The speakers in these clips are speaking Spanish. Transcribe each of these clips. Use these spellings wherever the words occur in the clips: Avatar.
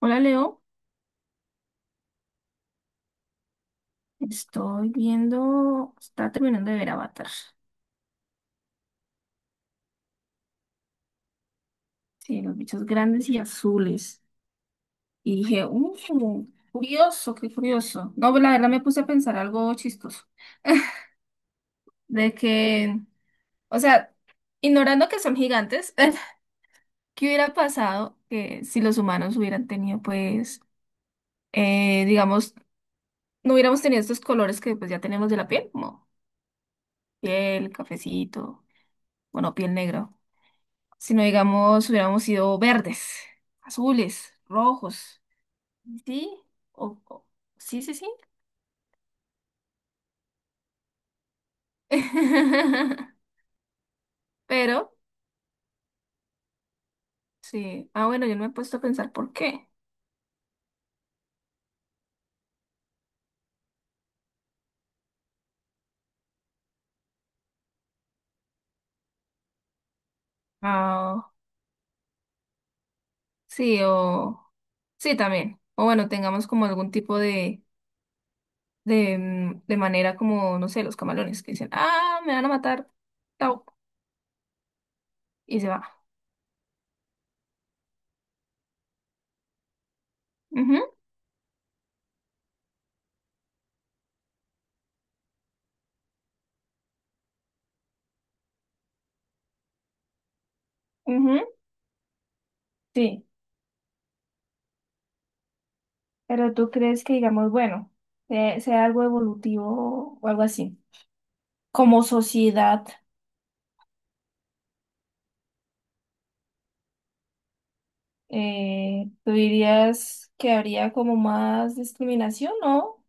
Hola Leo, estoy viendo, está terminando de ver Avatar. Sí, los bichos grandes y azules. Y dije, " curioso, qué curioso. No, pero la verdad me puse a pensar algo chistoso. De que, o sea, ignorando que son gigantes, ¿qué hubiera pasado que si los humanos hubieran tenido, eh, digamos, no hubiéramos tenido estos colores que pues ya tenemos de la piel, como piel, cafecito, bueno, ¿piel negra? Sino digamos, hubiéramos sido verdes, azules, rojos. Sí, o, o- sí, sí, sí. Pero, sí. Ah, bueno, yo no me he puesto a pensar por qué. Ah, sí, o... Sí, también. O bueno, tengamos como algún tipo de de manera como, no sé, los camalones que dicen, ah, me van a matar, chao, y se va. Ujú. Ujú, sí, pero tú crees que digamos, sea algo evolutivo o algo así. Como sociedad, ¿tú dirías que habría como más discriminación, no?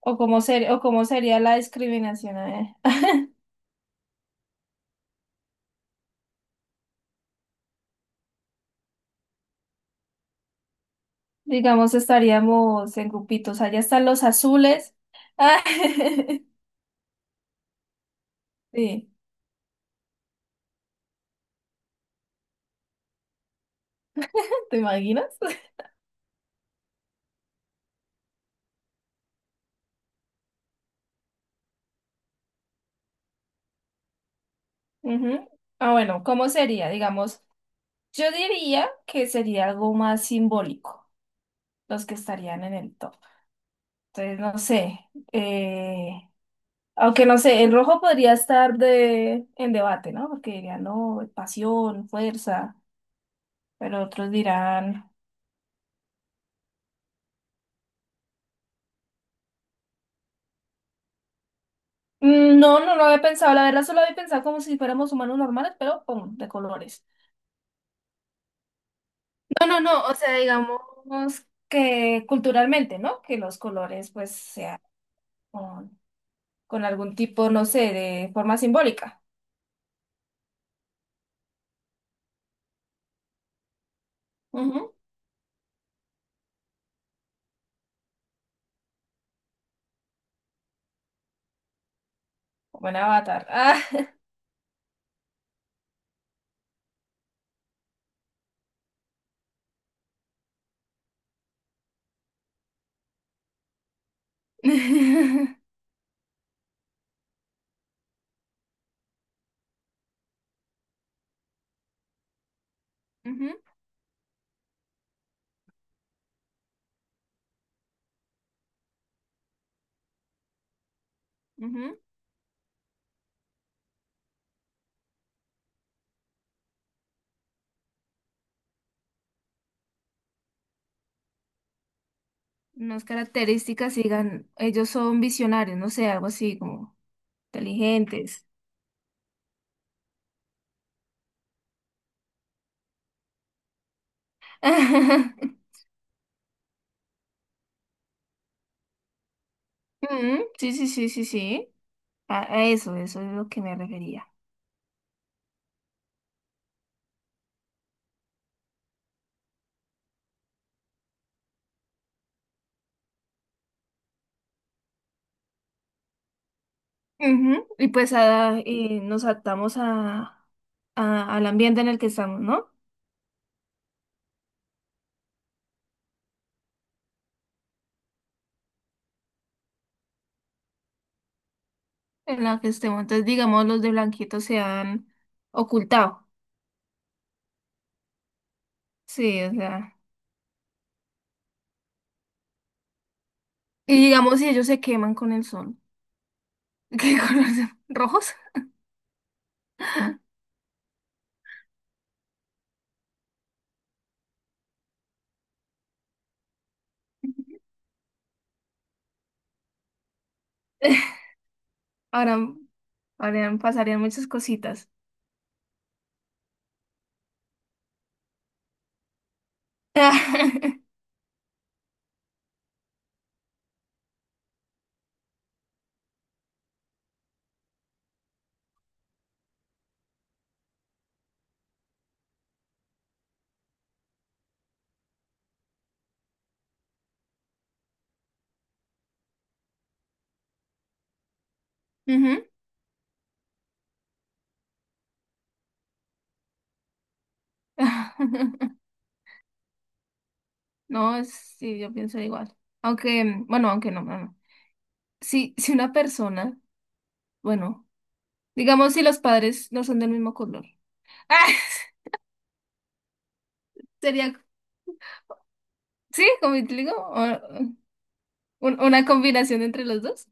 ¿o cómo o cómo sería la discriminación? Digamos, estaríamos en grupitos, allá están los azules. Ah, sí, ¿te imaginas? Ujú. Ah, bueno, ¿cómo sería? Digamos, yo diría que sería algo más simbólico, los que estarían en el top. Entonces, no sé, eh, Aunque no sé, el rojo podría estar en debate, ¿no? Porque dirían, no, pasión, fuerza, pero otros dirán, " no, no lo había pensado, la verdad solo había pensado como si fuéramos humanos normales, pero pum, de colores. No, no, no, o sea, digamos que culturalmente, ¿no? Que los colores pues sean con, con algún tipo, no sé, de forma simbólica. Ujú. Como en Avatar. Ah. Ujú, ujú. Unas características y digan, ellos son visionarios, no sé, algo así como inteligentes. Sí, sí, sí, sí, sí. A eso, eso es lo que me refería. Ujú. Y pues y nos adaptamos al ambiente en el que estamos, ¿no? En la que estemos. Entonces, digamos, los de blanquito se han ocultado. Sí, o sea. Y digamos, si ellos se queman con el sol. ¿Qué colores? ¿Rojos? Ahora, ahora pasarían muchas cositas. Ujú. No, es- sí, yo pienso igual. Aunque, bueno, aunque no, no, no. Si una persona, bueno, digamos si los padres no son del mismo color. Ah, sería, sí, como te digo, una combinación entre los dos.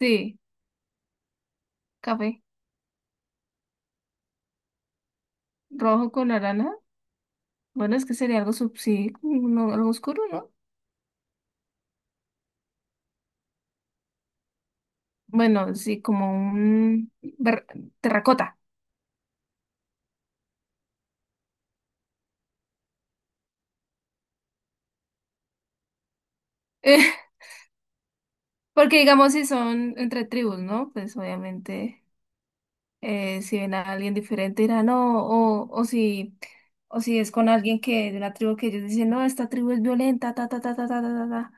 Sí, café, rojo con naranja. Bueno, es que sería algo sub, sí, algo oscuro, ¿no? Bueno, sí, como terracota. Porque digamos si son entre tribus, ¿no? Pues obviamente. Eh, si ven a alguien diferente dirán, o si es con alguien que de una tribu que ellos dicen, no, esta tribu es violenta, ta, ta, ta, ta, ta, ta, ta, ta",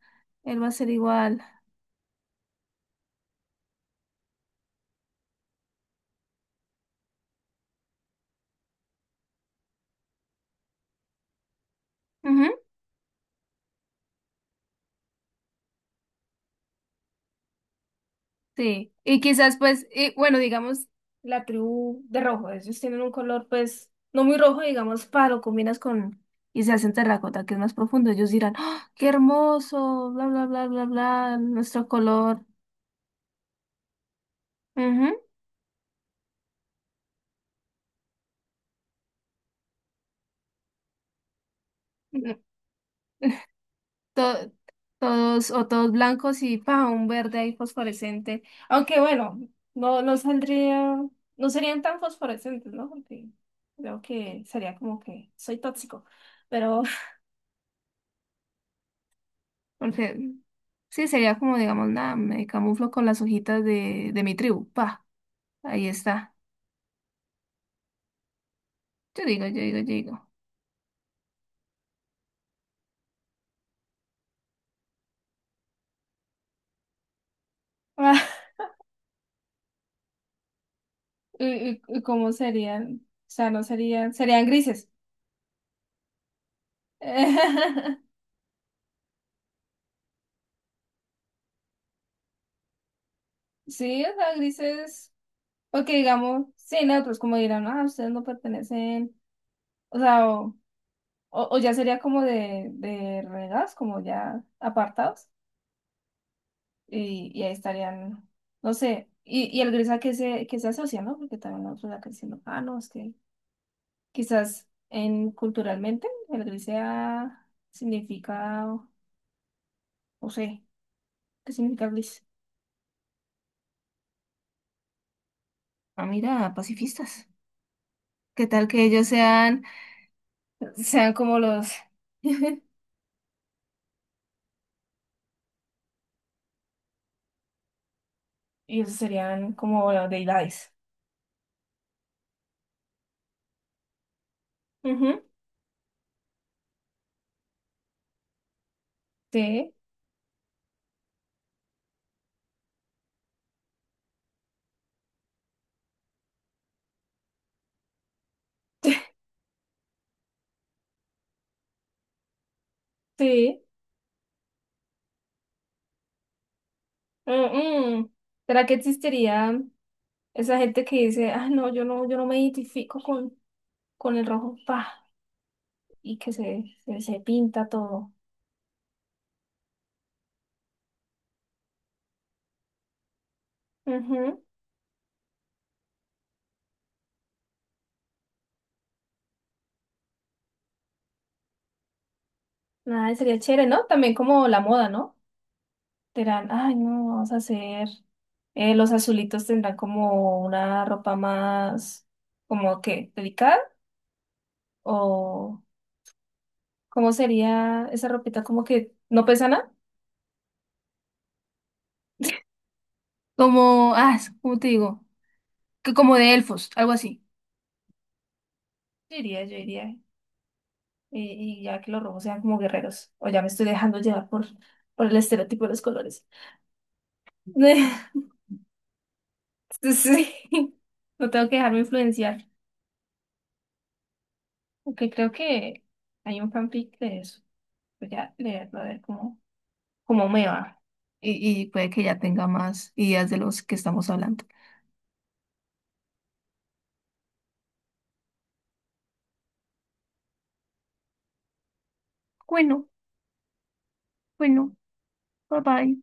él va a ser igual. Ujú. Sí, y quizás pues, y, bueno, digamos, la tribu de rojo, ellos tienen un color pues no muy rojo, digamos, para lo combinas y se hacen terracota, que es más profundo, ellos dirán, "¡Ah, qué hermoso, bla, bla, bla, bla, bla, nuestro color. Ujú. to- Todos o todos blancos y pa, un verde ahí fosforescente. Aunque bueno, no, no saldría, no serían tan fosforescentes, ¿no? Porque creo que sería como que soy tóxico, pero porque sí, sería como, digamos, nada, me camuflo con las hojitas de mi tribu, pa, ahí está. Yo digo, yo digo, yo digo. Ah, ¿y cómo serían? O sea, no serían, serían grises. Sí, o sea, grises. Porque digamos, sí, no, pues como dirán, ah, ustedes no pertenecen, o sea, o, o ya sería como de renegados, como ya apartados, y ahí estarían, no sé, y el gris a que que se asocia, ¿no? Porque también nosotros acá diciendo, ah, no, es que quizás en culturalmente el gris sea, significa, no sé, ¿qué significa gris? Ah, mira, pacifistas. ¿Qué tal que ellos sean, sean como los, ellos serían como los deidades? Ujú. Sí, sí. Mm, mm. ¿Será que existiría esa gente que dice, ah, no, yo no me identifico con el rojo, pa, y que se pinta todo? Ujú. Nada, sería chévere, ¿no? También como la moda, ¿no? Dirán, ay, no, vamos a hacer. Eh, los azulitos tendrán como una ropa más, como que, delicada, o ¿cómo sería esa ropita como que no pesa nada? Como, ah, ¿cómo te digo? Que como de elfos, algo así. Yo diría, yo iría. Y ya que los rojos sean como guerreros, o ya me estoy dejando llevar por el estereotipo de los colores. Sí, no tengo que dejarme influenciar, aunque creo que hay un fanfic de eso. Voy a leerlo a ver cómo, cómo me va. Y puede que ya tenga más ideas de los que estamos hablando. Bueno, bueno, bye bye.